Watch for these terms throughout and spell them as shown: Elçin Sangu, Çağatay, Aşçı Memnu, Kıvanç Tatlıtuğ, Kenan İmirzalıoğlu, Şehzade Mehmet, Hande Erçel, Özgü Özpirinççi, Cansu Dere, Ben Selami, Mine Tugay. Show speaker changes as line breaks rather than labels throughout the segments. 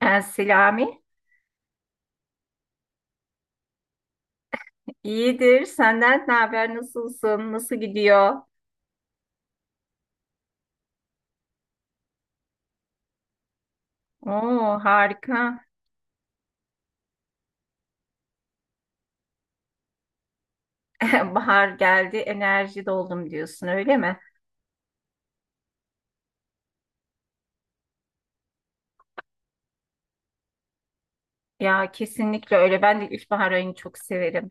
Ben Selami. İyidir. Senden ne haber? Nasılsın? Nasıl gidiyor? Oo, harika. Bahar geldi. Enerji doldum diyorsun, öyle mi? Ya kesinlikle öyle. Ben de ilkbahar ayını çok severim.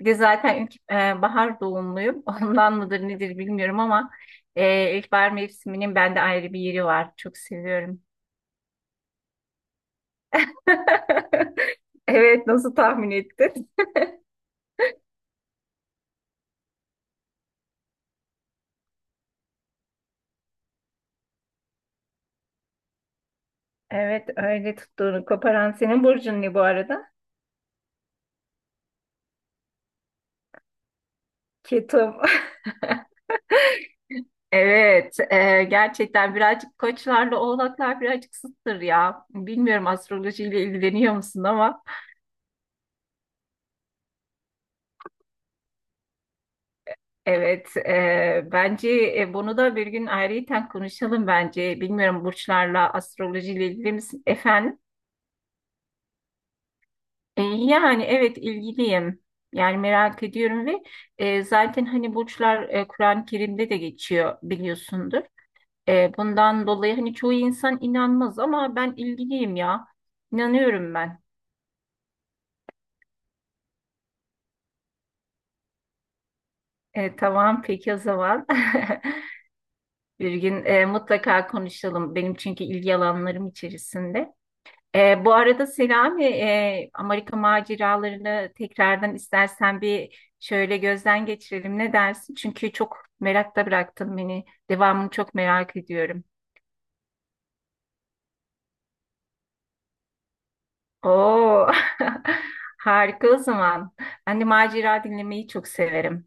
Bir de zaten bahar doğumluyum. Ondan mıdır nedir bilmiyorum ama ilkbahar mevsiminin bende ayrı bir yeri var. Çok seviyorum. Evet, nasıl tahmin ettin? Evet, öyle tuttuğunu koparan senin burcun ne bu arada? Ketum. Evet, gerçekten birazcık koçlarla oğlaklar birazcık zıttır ya. Bilmiyorum astrolojiyle ilgileniyor musun ama evet, bence bunu da bir gün ayrıyeten konuşalım bence. Bilmiyorum burçlarla astrolojiyle ilgili misin efendim? Yani evet ilgiliyim. Yani merak ediyorum ve zaten hani burçlar Kur'an-ı Kerim'de de geçiyor biliyorsundur. Bundan dolayı hani çoğu insan inanmaz ama ben ilgiliyim ya. İnanıyorum ben. Tamam peki o zaman. Bir gün mutlaka konuşalım. Benim çünkü ilgi alanlarım içerisinde. Bu arada Selami, Amerika maceralarını tekrardan istersen bir şöyle gözden geçirelim. Ne dersin? Çünkü çok merakta bıraktın beni. Devamını çok merak ediyorum. Oo, harika o zaman. Ben de macera dinlemeyi çok severim.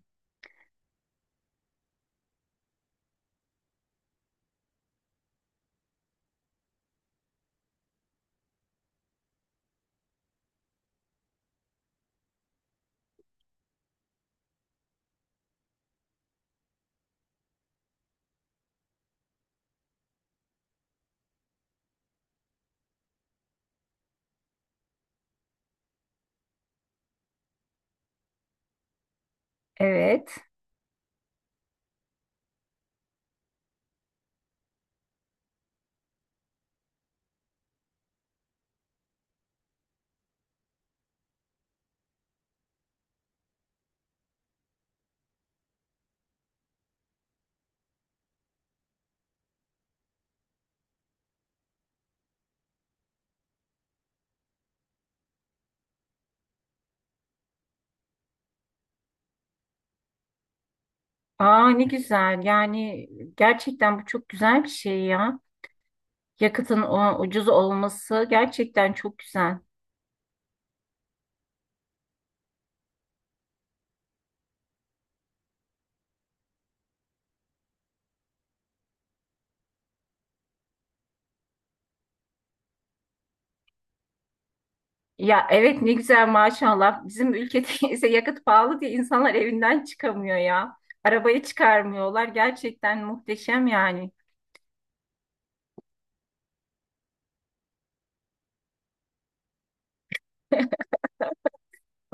Evet. Aa ne güzel. Yani gerçekten bu çok güzel bir şey ya. Yakıtın ucuz olması gerçekten çok güzel. Ya evet ne güzel maşallah. Bizim ülkede ise yakıt pahalı diye insanlar evinden çıkamıyor ya. Arabayı çıkarmıyorlar. Gerçekten muhteşem yani.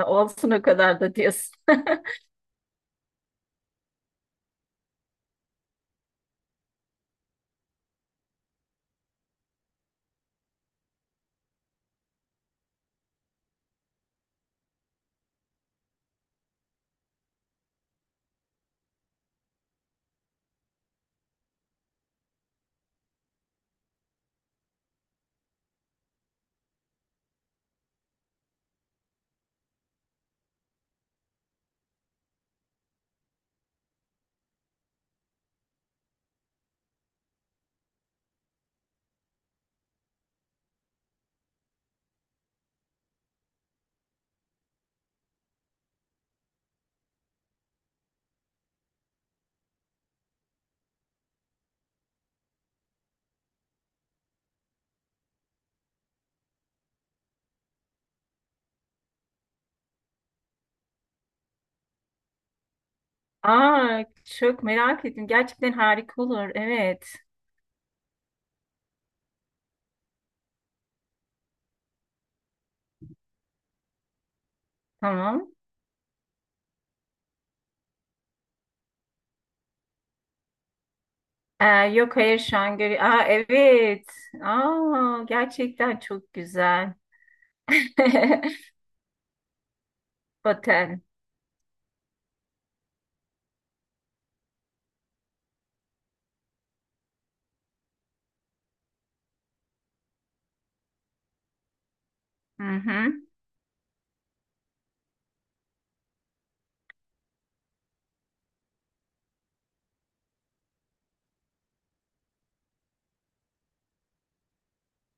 Olsun o kadar da diyorsun. Aa, çok merak ettim. Gerçekten harika olur. Evet. Tamam. Yok hayır şu an görüyorum. Aa evet. Aa gerçekten çok güzel. Otel. Hı hı.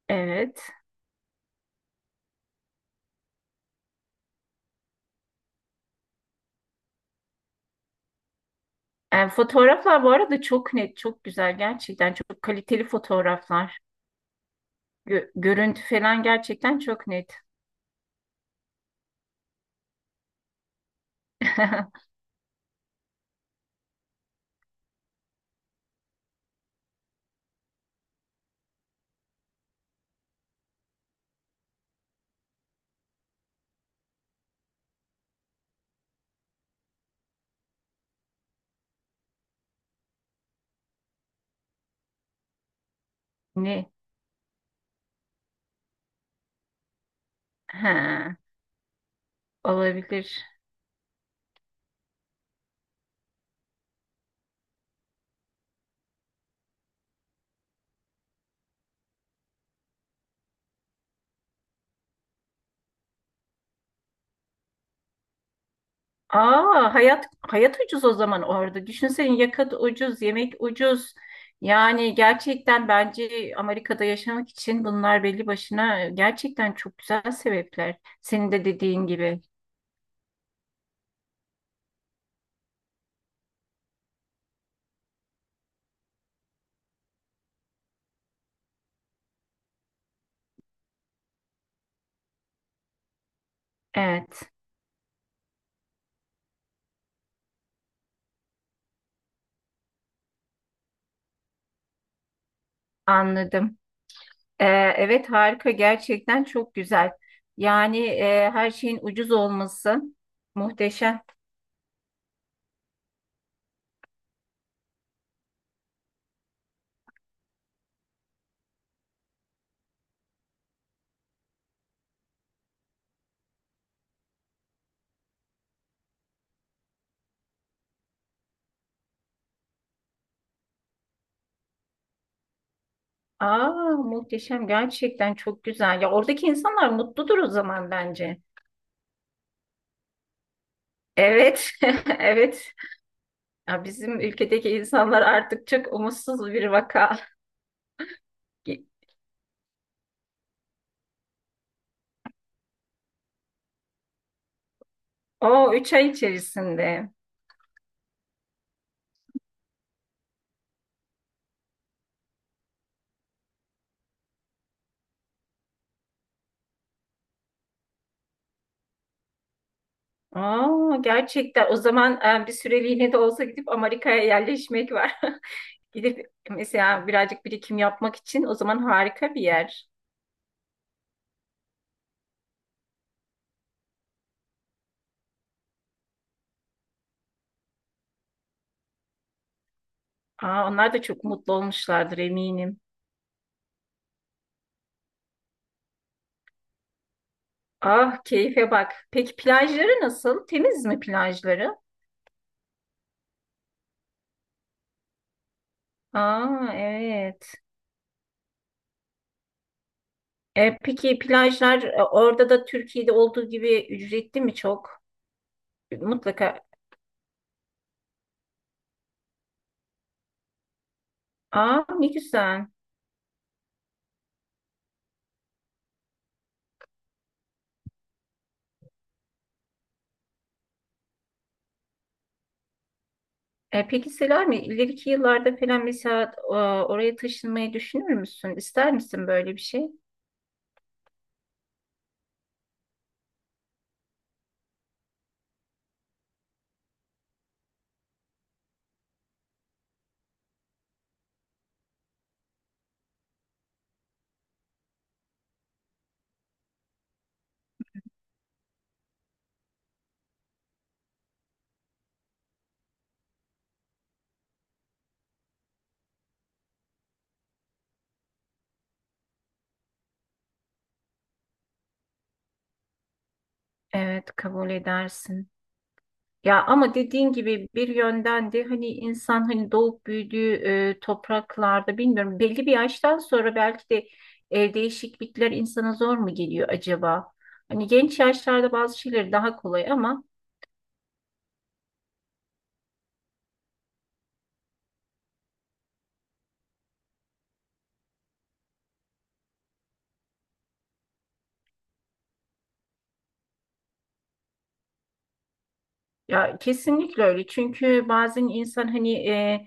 Evet. Fotoğraflar bu arada çok net, çok güzel. Gerçekten çok kaliteli fotoğraflar. görüntü falan gerçekten çok net. Ne? Ha, olabilir. Aa, hayat hayat ucuz o zaman orada. Düşünsene yakıt ucuz, yemek ucuz. Yani gerçekten bence Amerika'da yaşamak için bunlar belli başına gerçekten çok güzel sebepler. Senin de dediğin gibi. Evet, anladım. Ee, evet harika gerçekten çok güzel. Yani her şeyin ucuz olması muhteşem. Aa, muhteşem gerçekten çok güzel. Ya oradaki insanlar mutludur o zaman bence. Evet, evet. Ya bizim ülkedeki insanlar artık çok umutsuz bir vaka. O 3 ay içerisinde. Aa, gerçekten o zaman bir süreliğine de olsa gidip Amerika'ya yerleşmek var. Gidip mesela birazcık birikim yapmak için o zaman harika bir yer. Aa, onlar da çok mutlu olmuşlardır eminim. Ah keyfe bak. Peki plajları nasıl? Temiz mi plajları? Aa evet. Peki plajlar orada da Türkiye'de olduğu gibi ücretli mi çok? Mutlaka Aa ne güzel. Peki Selami ileriki yıllarda falan mesela oraya taşınmayı düşünür müsün? İster misin böyle bir şey? Evet kabul edersin. Ya ama dediğin gibi bir yönden de hani insan hani doğup büyüdüğü topraklarda bilmiyorum belli bir yaştan sonra belki de değişiklikler insana zor mu geliyor acaba? Hani genç yaşlarda bazı şeyler daha kolay ama Ya kesinlikle öyle. Çünkü bazen insan hani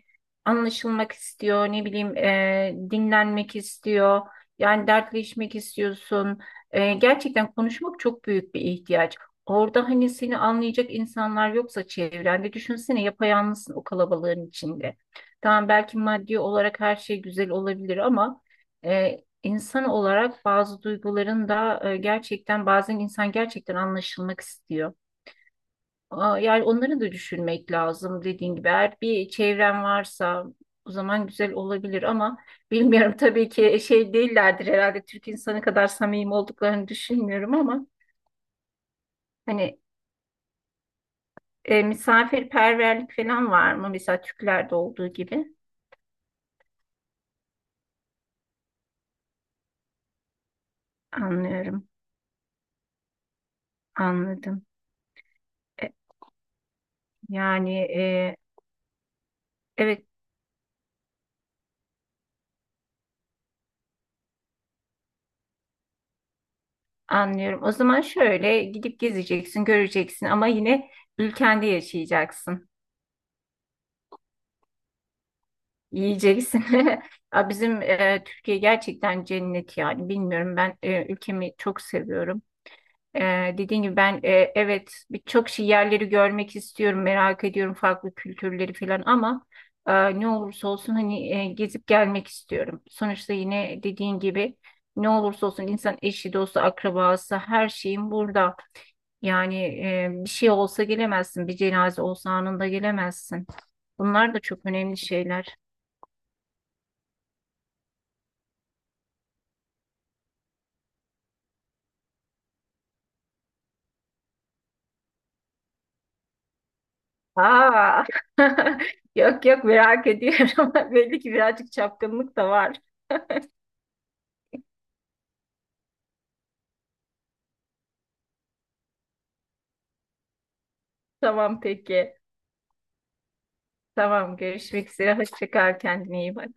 anlaşılmak istiyor, ne bileyim dinlenmek istiyor. Yani dertleşmek istiyorsun. Gerçekten konuşmak çok büyük bir ihtiyaç. Orada hani seni anlayacak insanlar yoksa çevrende düşünsene yapayalnızsın o kalabalığın içinde. Tamam belki maddi olarak her şey güzel olabilir ama insan olarak bazı duyguların da gerçekten bazen insan gerçekten anlaşılmak istiyor. Aa, yani onları da düşünmek lazım dediğin gibi. Eğer bir çevren varsa o zaman güzel olabilir ama bilmiyorum tabii ki şey değillerdir herhalde Türk insanı kadar samimi olduklarını düşünmüyorum ama hani misafirperverlik falan var mı? Mesela Türklerde olduğu gibi. Anlıyorum, anladım. E, yani e, evet anlıyorum. O zaman şöyle gidip gezeceksin, göreceksin ama yine ülkende yaşayacaksın. Yiyeceksin. Ya bizim Türkiye gerçekten cennet yani. Bilmiyorum ben ülkemi çok seviyorum. E, Dediğim gibi ben evet birçok şey yerleri görmek istiyorum, merak ediyorum farklı kültürleri falan ama ne olursa olsun hani gezip gelmek istiyorum. Sonuçta yine dediğin gibi ne olursa olsun insan eşi, dostu, akrabası her şeyin burada. Yani bir şey olsa gelemezsin, bir cenaze olsa anında gelemezsin. Bunlar da çok önemli şeyler. Aa, yok yok merak ediyorum. Belli ki birazcık çapkınlık da var. Tamam peki. Tamam görüşmek üzere. Hoşça kal kendine iyi bak.